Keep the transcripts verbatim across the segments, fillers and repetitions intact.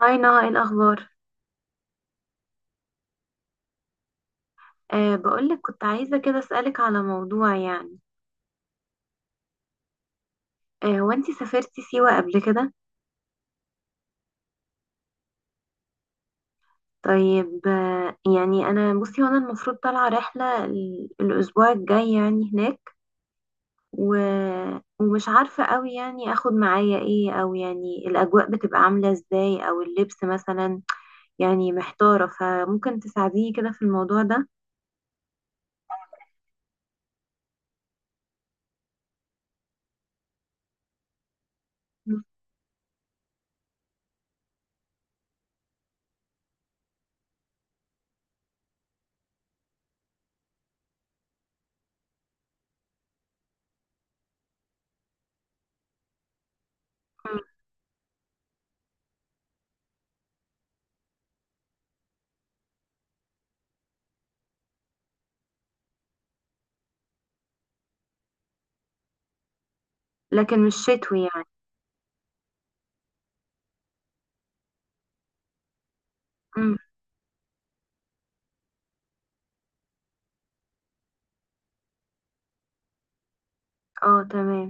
هاي نهى، ايه الاخبار؟ أه بقولك كنت عايزه كده اسالك على موضوع، يعني. أه هو انتي سافرتي سيوه قبل كده؟ طيب، آه، يعني انا بصي، هو انا المفروض طالعه رحله ال- الاسبوع الجاي يعني هناك. و... ومش عارفه قوي يعني اخد معايا ايه، او يعني الاجواء بتبقى عامله ازاي، او اللبس مثلا. يعني محتاره، فممكن تساعديني كده في الموضوع ده؟ مم. لكن مش شتوي يعني؟ مم. اه، تمام.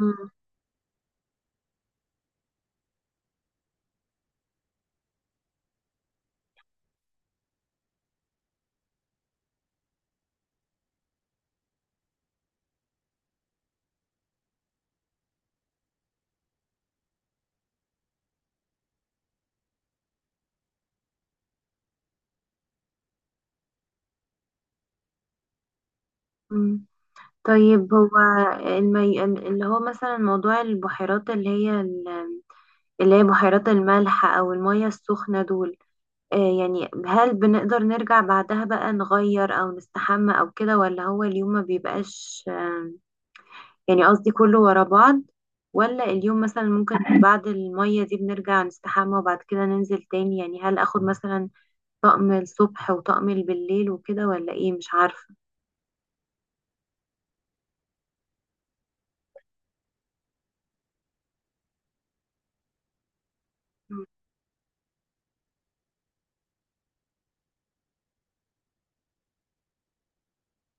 مم. مم. طيب، هو المي... اللي هو مثلا موضوع البحيرات، اللي هي ال- اللي هي بحيرات الملح او المية السخنة دول، آه يعني هل بنقدر نرجع بعدها بقى نغير او نستحمى او كده، ولا هو اليوم ما بيبقاش آه يعني، قصدي كله ورا بعض، ولا اليوم مثلا ممكن بعد المية دي بنرجع نستحمى وبعد كده ننزل تاني، يعني هل اخد مثلا طقم الصبح وطقم بالليل وكده ولا ايه؟ مش عارفة.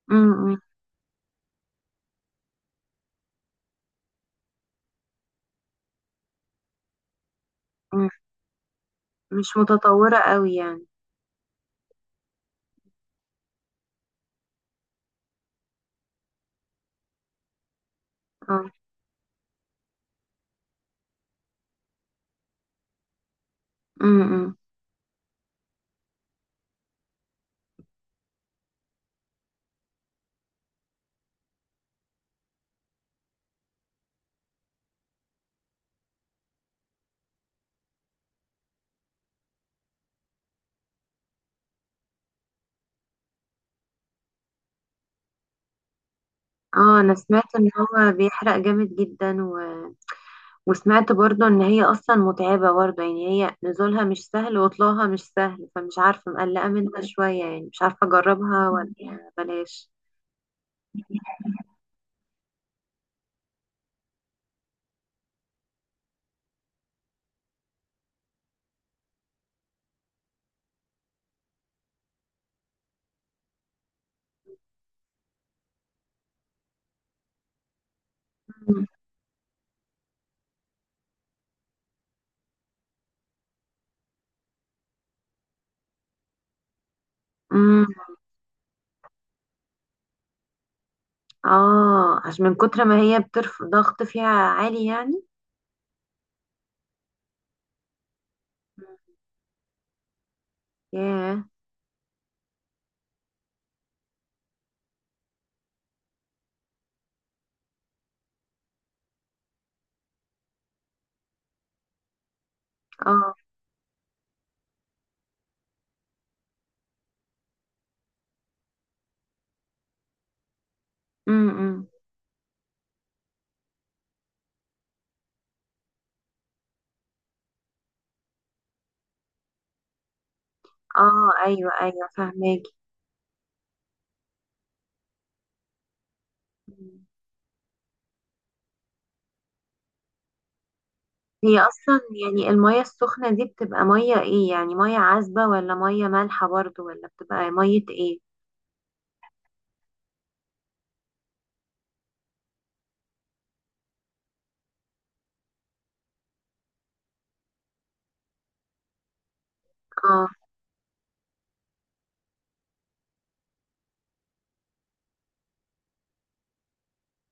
م- م- م- مش متطورة قوي يعني. اه. امم. اه، انا سمعت ان هو بيحرق جامد جدا و... وسمعت برضو ان هي اصلا متعبة برضو، يعني هي نزولها مش سهل وطلوعها مش سهل، فمش عارفة، مقلقة منها شوية، يعني مش عارفة اجربها ولا بلاش. مم. مم. اه، عشان من كتر ما هي بترفع ضغط فيها عالي يعني. ياه. اه. امم. اه، ايوه ايوه، فهماكي. هي اصلا يعني المية السخنة دي بتبقى مية ايه؟ يعني مية عذبة ولا مية مالحة برضو، ولا بتبقى مية ايه؟ اه.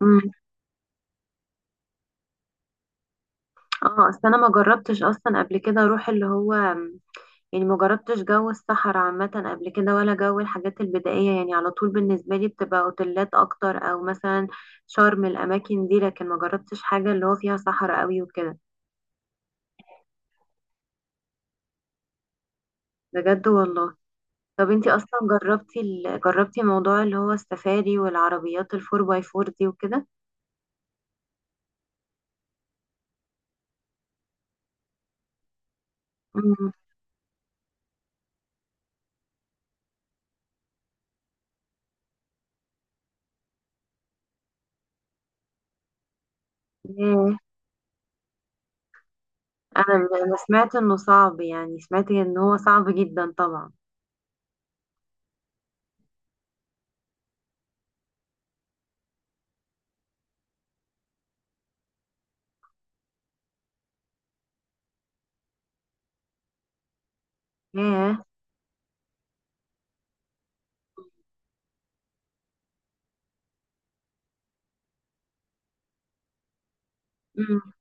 امم. اه، اصل انا ما جربتش اصلا قبل كده اروح اللي هو، يعني ما جربتش جو الصحراء عامة قبل كده، ولا جو الحاجات البدائية، يعني على طول بالنسبة لي بتبقى اوتيلات اكتر، او مثلا شرم الاماكن دي، لكن ما جربتش حاجة اللي هو فيها صحراء قوي وكده. بجد والله. طب انتي اصلا جربتي ال... جربتي موضوع اللي هو السفاري والعربيات الفور باي فور دي وكده؟ ياه. انا انا سمعت انه صعب، يعني سمعت ان هو صعب جدا طبعا. ياه. مم.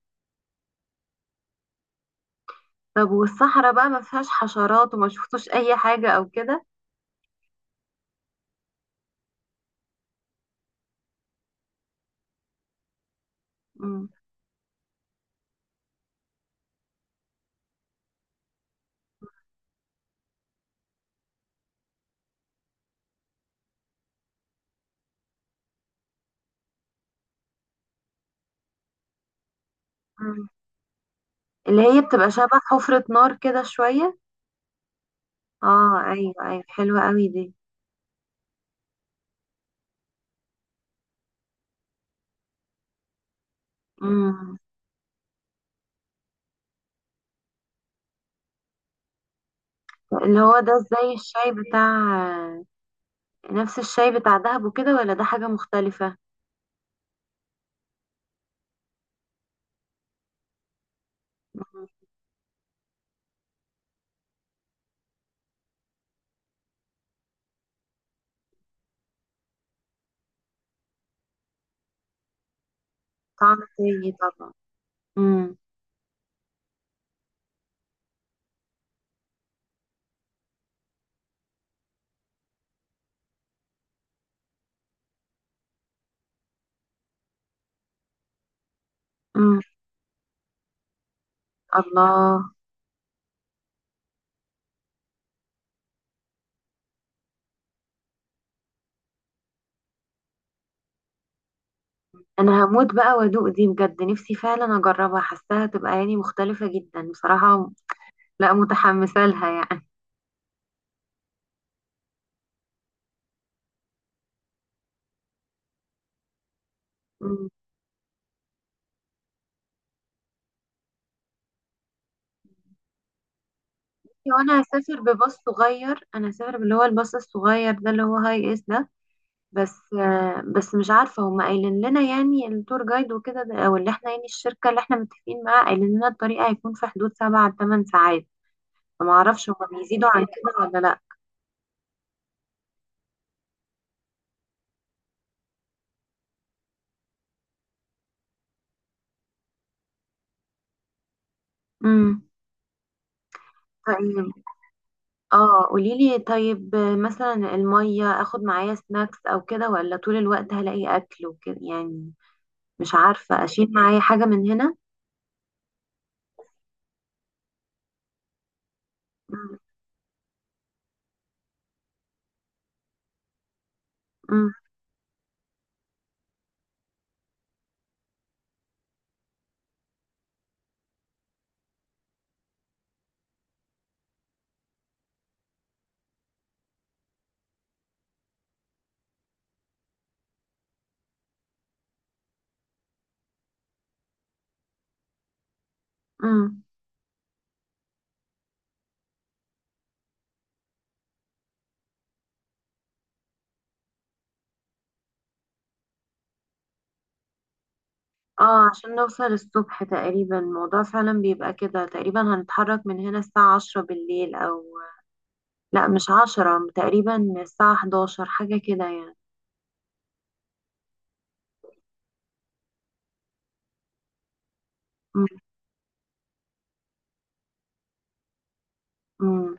طب، والصحراء بقى ما فيهاش حشرات وما شفتوش اي حاجة او كده؟ مم. مم. اللي هي بتبقى شبه حفرة نار كده شوية. اه، ايوه ايوه، حلوة قوي دي. مم. اللي هو ده زي الشاي بتاع، نفس الشاي بتاع دهب وكده ولا ده حاجة مختلفة؟ مم. طعم تاني طبعا. مم. مم. الله. انا هموت بقى وادوق دي، بجد نفسي فعلا اجربها، حاساها تبقى يعني مختلفة جدا بصراحة. لا، متحمسة لها يعني. مم. وانا هسافر بباص صغير، انا هسافر باللي هو الباص الصغير ده اللي هو هاي اس ده. بس آه، بس مش عارفة، هما قايلين لنا يعني التور جايد وكده ده- او اللي احنا يعني الشركة اللي احنا متفقين معاها قايلين لنا الطريق هيكون في حدود سبعة لثمان ساعات. فما اعرفش هما بيزيدوا عن كده ولا لا. امم. اه، قوليلي. طيب، آه، مثلا المية، اخد معايا سناكس او كده ولا طول الوقت هلاقي اكل وكده يعني، مش عارفة اشيل معايا حاجة من هنا. مم. مم. مم. اه، عشان نوصل الصبح تقريبا. الموضوع فعلا بيبقى كده تقريبا، هنتحرك من هنا الساعة عشرة بالليل او، لا مش عشرة تقريبا، الساعة حداشر حاجة كده يعني. مم. مم.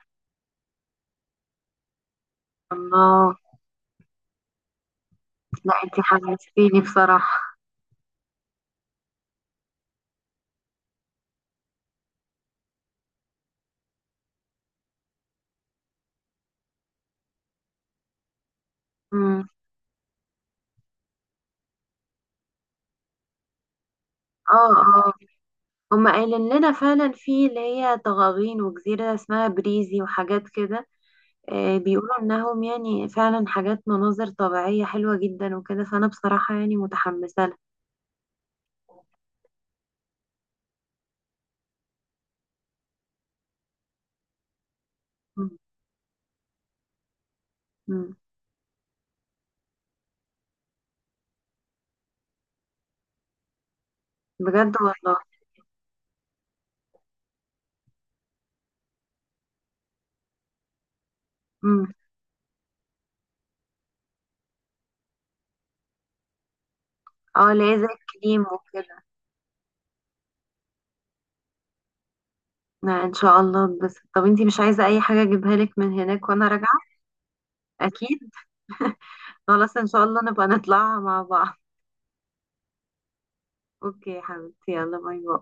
الله. لا، انتي حمستيني بصراحة. مم. اه اه. هما قايلين لنا فعلا في اللي هي طغاغين وجزيرة اسمها بريزي وحاجات كده، آه، بيقولوا انهم يعني فعلا حاجات مناظر طبيعية حلوة جدا وكده، فانا بصراحة يعني متحمسة لها. مم. مم. بجد والله. مم. اه، اللي هي زي الكريم وكده. لا ان شاء الله. بس طب انتي مش عايزة اي حاجة اجيبها لك من هناك وانا راجعة؟ اكيد. خلاص، ان شاء الله نبقى نطلعها مع بعض. اوكي يا حبيبتي، يلا باي باي.